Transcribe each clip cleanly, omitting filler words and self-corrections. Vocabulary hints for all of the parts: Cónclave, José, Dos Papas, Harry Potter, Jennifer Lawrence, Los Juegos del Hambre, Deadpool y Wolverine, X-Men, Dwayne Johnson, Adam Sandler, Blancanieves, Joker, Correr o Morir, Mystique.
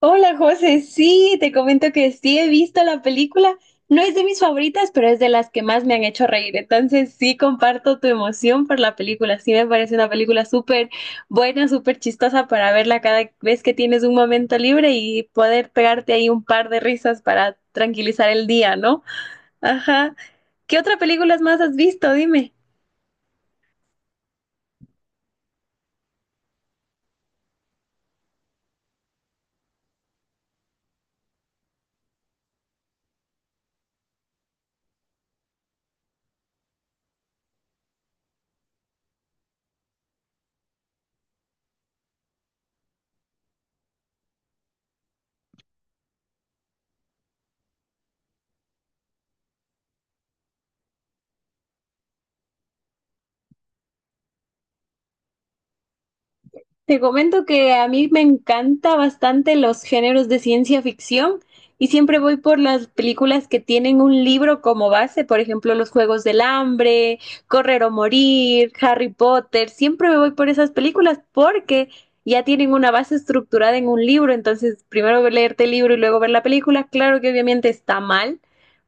Hola José, sí, te comento que sí he visto la película. No es de mis favoritas, pero es de las que más me han hecho reír. Entonces sí comparto tu emoción por la película. Sí me parece una película súper buena, súper chistosa para verla cada vez que tienes un momento libre y poder pegarte ahí un par de risas para tranquilizar el día, ¿no? Ajá. ¿Qué otra película más has visto? Dime. Te comento que a mí me encanta bastante los géneros de ciencia ficción y siempre voy por las películas que tienen un libro como base, por ejemplo, Los Juegos del Hambre, Correr o Morir, Harry Potter, siempre me voy por esas películas porque ya tienen una base estructurada en un libro, entonces primero leerte el libro y luego ver la película, claro que obviamente está mal,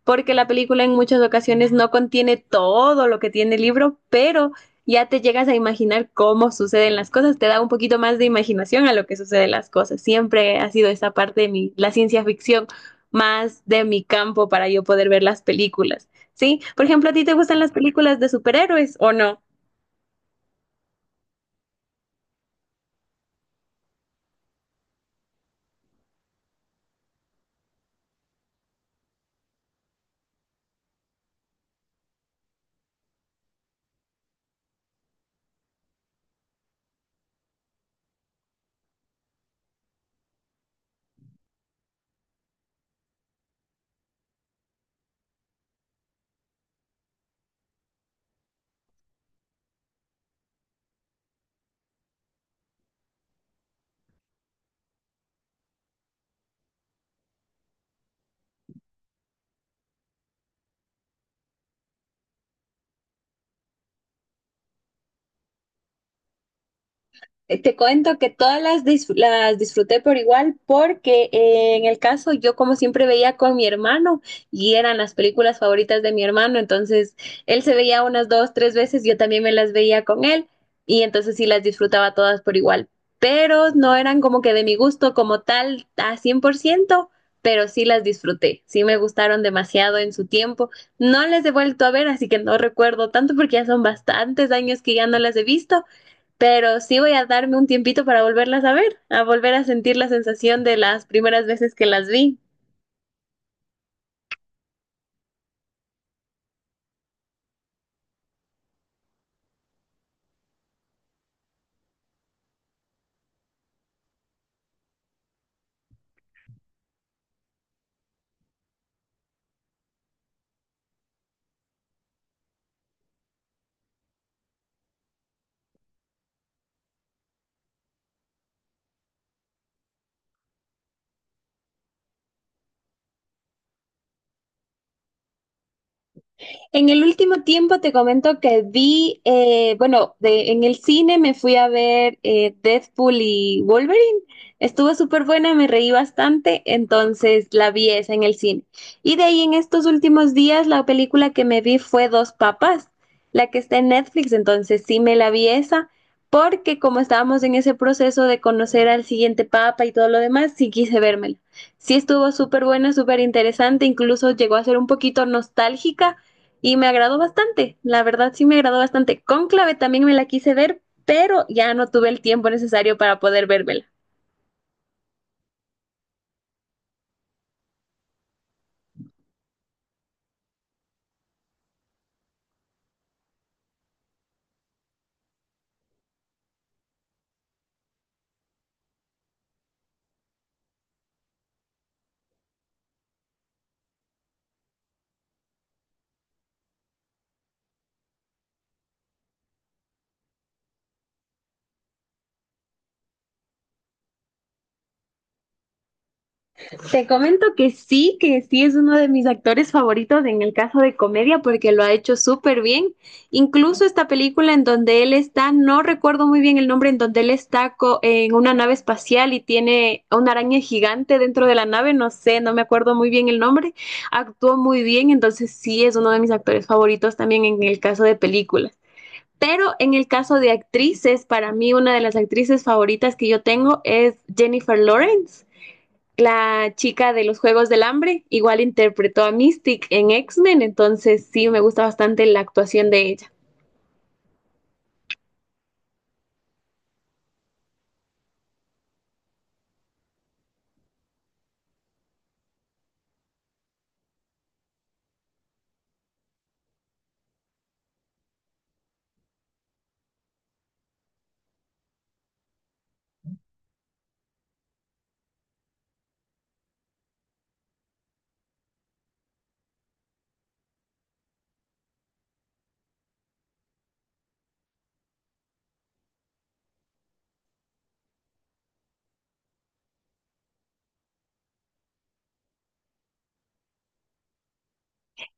porque la película en muchas ocasiones no contiene todo lo que tiene el libro, pero ya te llegas a imaginar cómo suceden las cosas, te da un poquito más de imaginación a lo que suceden las cosas. Siempre ha sido esa parte de mi, la ciencia ficción más de mi campo para yo poder ver las películas, ¿sí? Por ejemplo, ¿a ti te gustan las películas de superhéroes o no? Te cuento que todas las disfruté por igual porque en el caso yo como siempre veía con mi hermano y eran las películas favoritas de mi hermano, entonces él se veía unas dos, tres veces, yo también me las veía con él y entonces sí las disfrutaba todas por igual, pero no eran como que de mi gusto como tal a 100%, pero sí las disfruté, sí me gustaron demasiado en su tiempo, no las he vuelto a ver, así que no recuerdo tanto porque ya son bastantes años que ya no las he visto, pero sí voy a darme un tiempito para volverlas a ver, a volver a sentir la sensación de las primeras veces que las vi. En el último tiempo te comento que vi, bueno, en el cine me fui a ver, Deadpool y Wolverine. Estuvo súper buena, me reí bastante, entonces la vi esa en el cine. Y de ahí en estos últimos días la película que me vi fue Dos Papas, la que está en Netflix, entonces sí me la vi esa, porque como estábamos en ese proceso de conocer al siguiente papa y todo lo demás, sí quise vérmela. Sí estuvo súper buena, súper interesante, incluso llegó a ser un poquito nostálgica y me agradó bastante, la verdad sí me agradó bastante. Cónclave también me la quise ver, pero ya no tuve el tiempo necesario para poder vérmela. Te comento que sí es uno de mis actores favoritos en el caso de comedia porque lo ha hecho súper bien. Incluso esta película en donde él está, no recuerdo muy bien el nombre, en donde él está en una nave espacial y tiene una araña gigante dentro de la nave, no sé, no me acuerdo muy bien el nombre, actuó muy bien, entonces sí es uno de mis actores favoritos también en el caso de películas. Pero en el caso de actrices, para mí una de las actrices favoritas que yo tengo es Jennifer Lawrence, la chica de los Juegos del Hambre. Igual interpretó a Mystique en X-Men, entonces sí me gusta bastante la actuación de ella.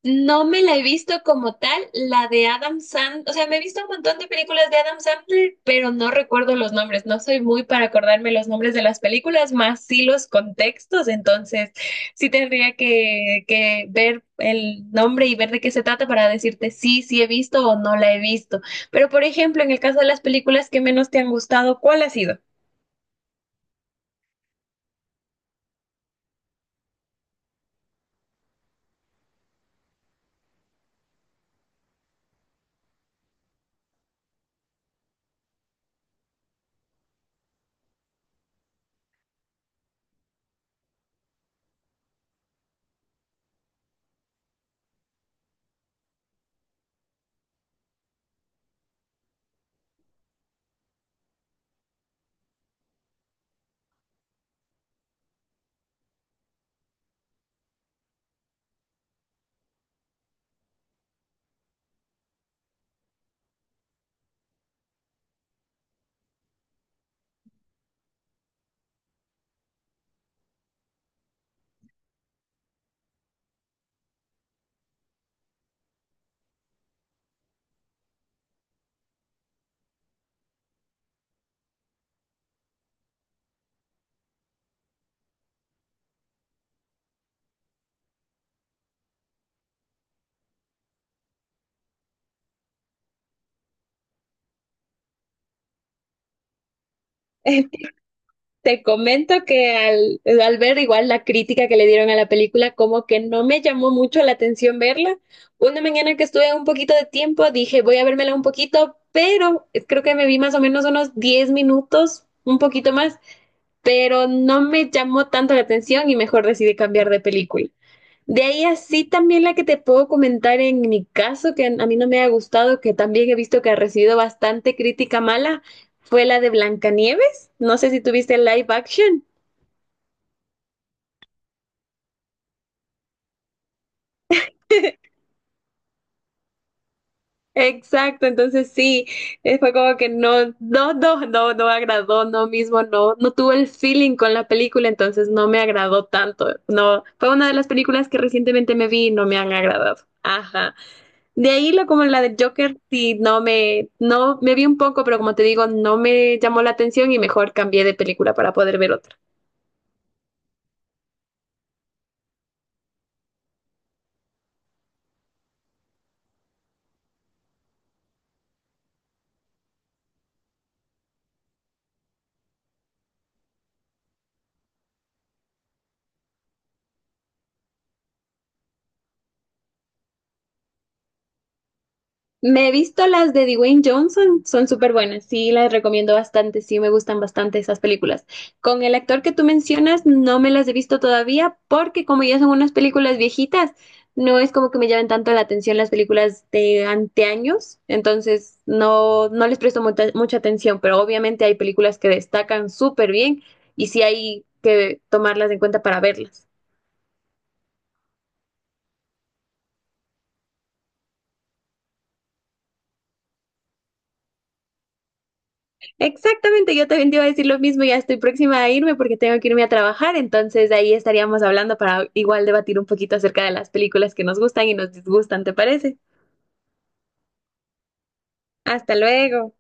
No me la he visto como tal, la de Adam Sandler, o sea, me he visto un montón de películas de Adam Sandler, pero no recuerdo los nombres, no soy muy para acordarme los nombres de las películas, más sí los contextos, entonces sí tendría que ver el nombre y ver de qué se trata para decirte sí, sí he visto o no la he visto. Pero, por ejemplo, en el caso de las películas que menos te han gustado, ¿cuál ha sido? Te comento que al ver igual la crítica que le dieron a la película, como que no me llamó mucho la atención verla. Una mañana que estuve un poquito de tiempo, dije, voy a vérmela un poquito, pero creo que me vi más o menos unos 10 minutos, un poquito más, pero no me llamó tanto la atención y mejor decidí cambiar de película. De ahí así también la que te puedo comentar en mi caso, que a mí no me ha gustado, que también he visto que ha recibido bastante crítica mala, fue la de Blancanieves. No sé si tuviste el live action. Exacto, entonces sí, fue como que no, no, no, no, no agradó, no mismo, no, no tuvo el feeling con la película, entonces no me agradó tanto. No, fue una de las películas que recientemente me vi y no me han agradado. Ajá. De ahí la como la del Joker, sí, no me vi un poco, pero como te digo, no me llamó la atención y mejor cambié de película para poder ver otra. Me he visto las de Dwayne Johnson, son súper buenas, sí, las recomiendo bastante, sí, me gustan bastante esas películas. Con el actor que tú mencionas, no me las he visto todavía porque como ya son unas películas viejitas, no es como que me llamen tanto la atención las películas de anteaños, entonces no, no les presto mucha, mucha atención, pero obviamente hay películas que destacan súper bien y sí hay que tomarlas en cuenta para verlas. Exactamente, yo también te iba a decir lo mismo, ya estoy próxima a irme porque tengo que irme a trabajar, entonces ahí estaríamos hablando para igual debatir un poquito acerca de las películas que nos gustan y nos disgustan, ¿te parece? Hasta luego.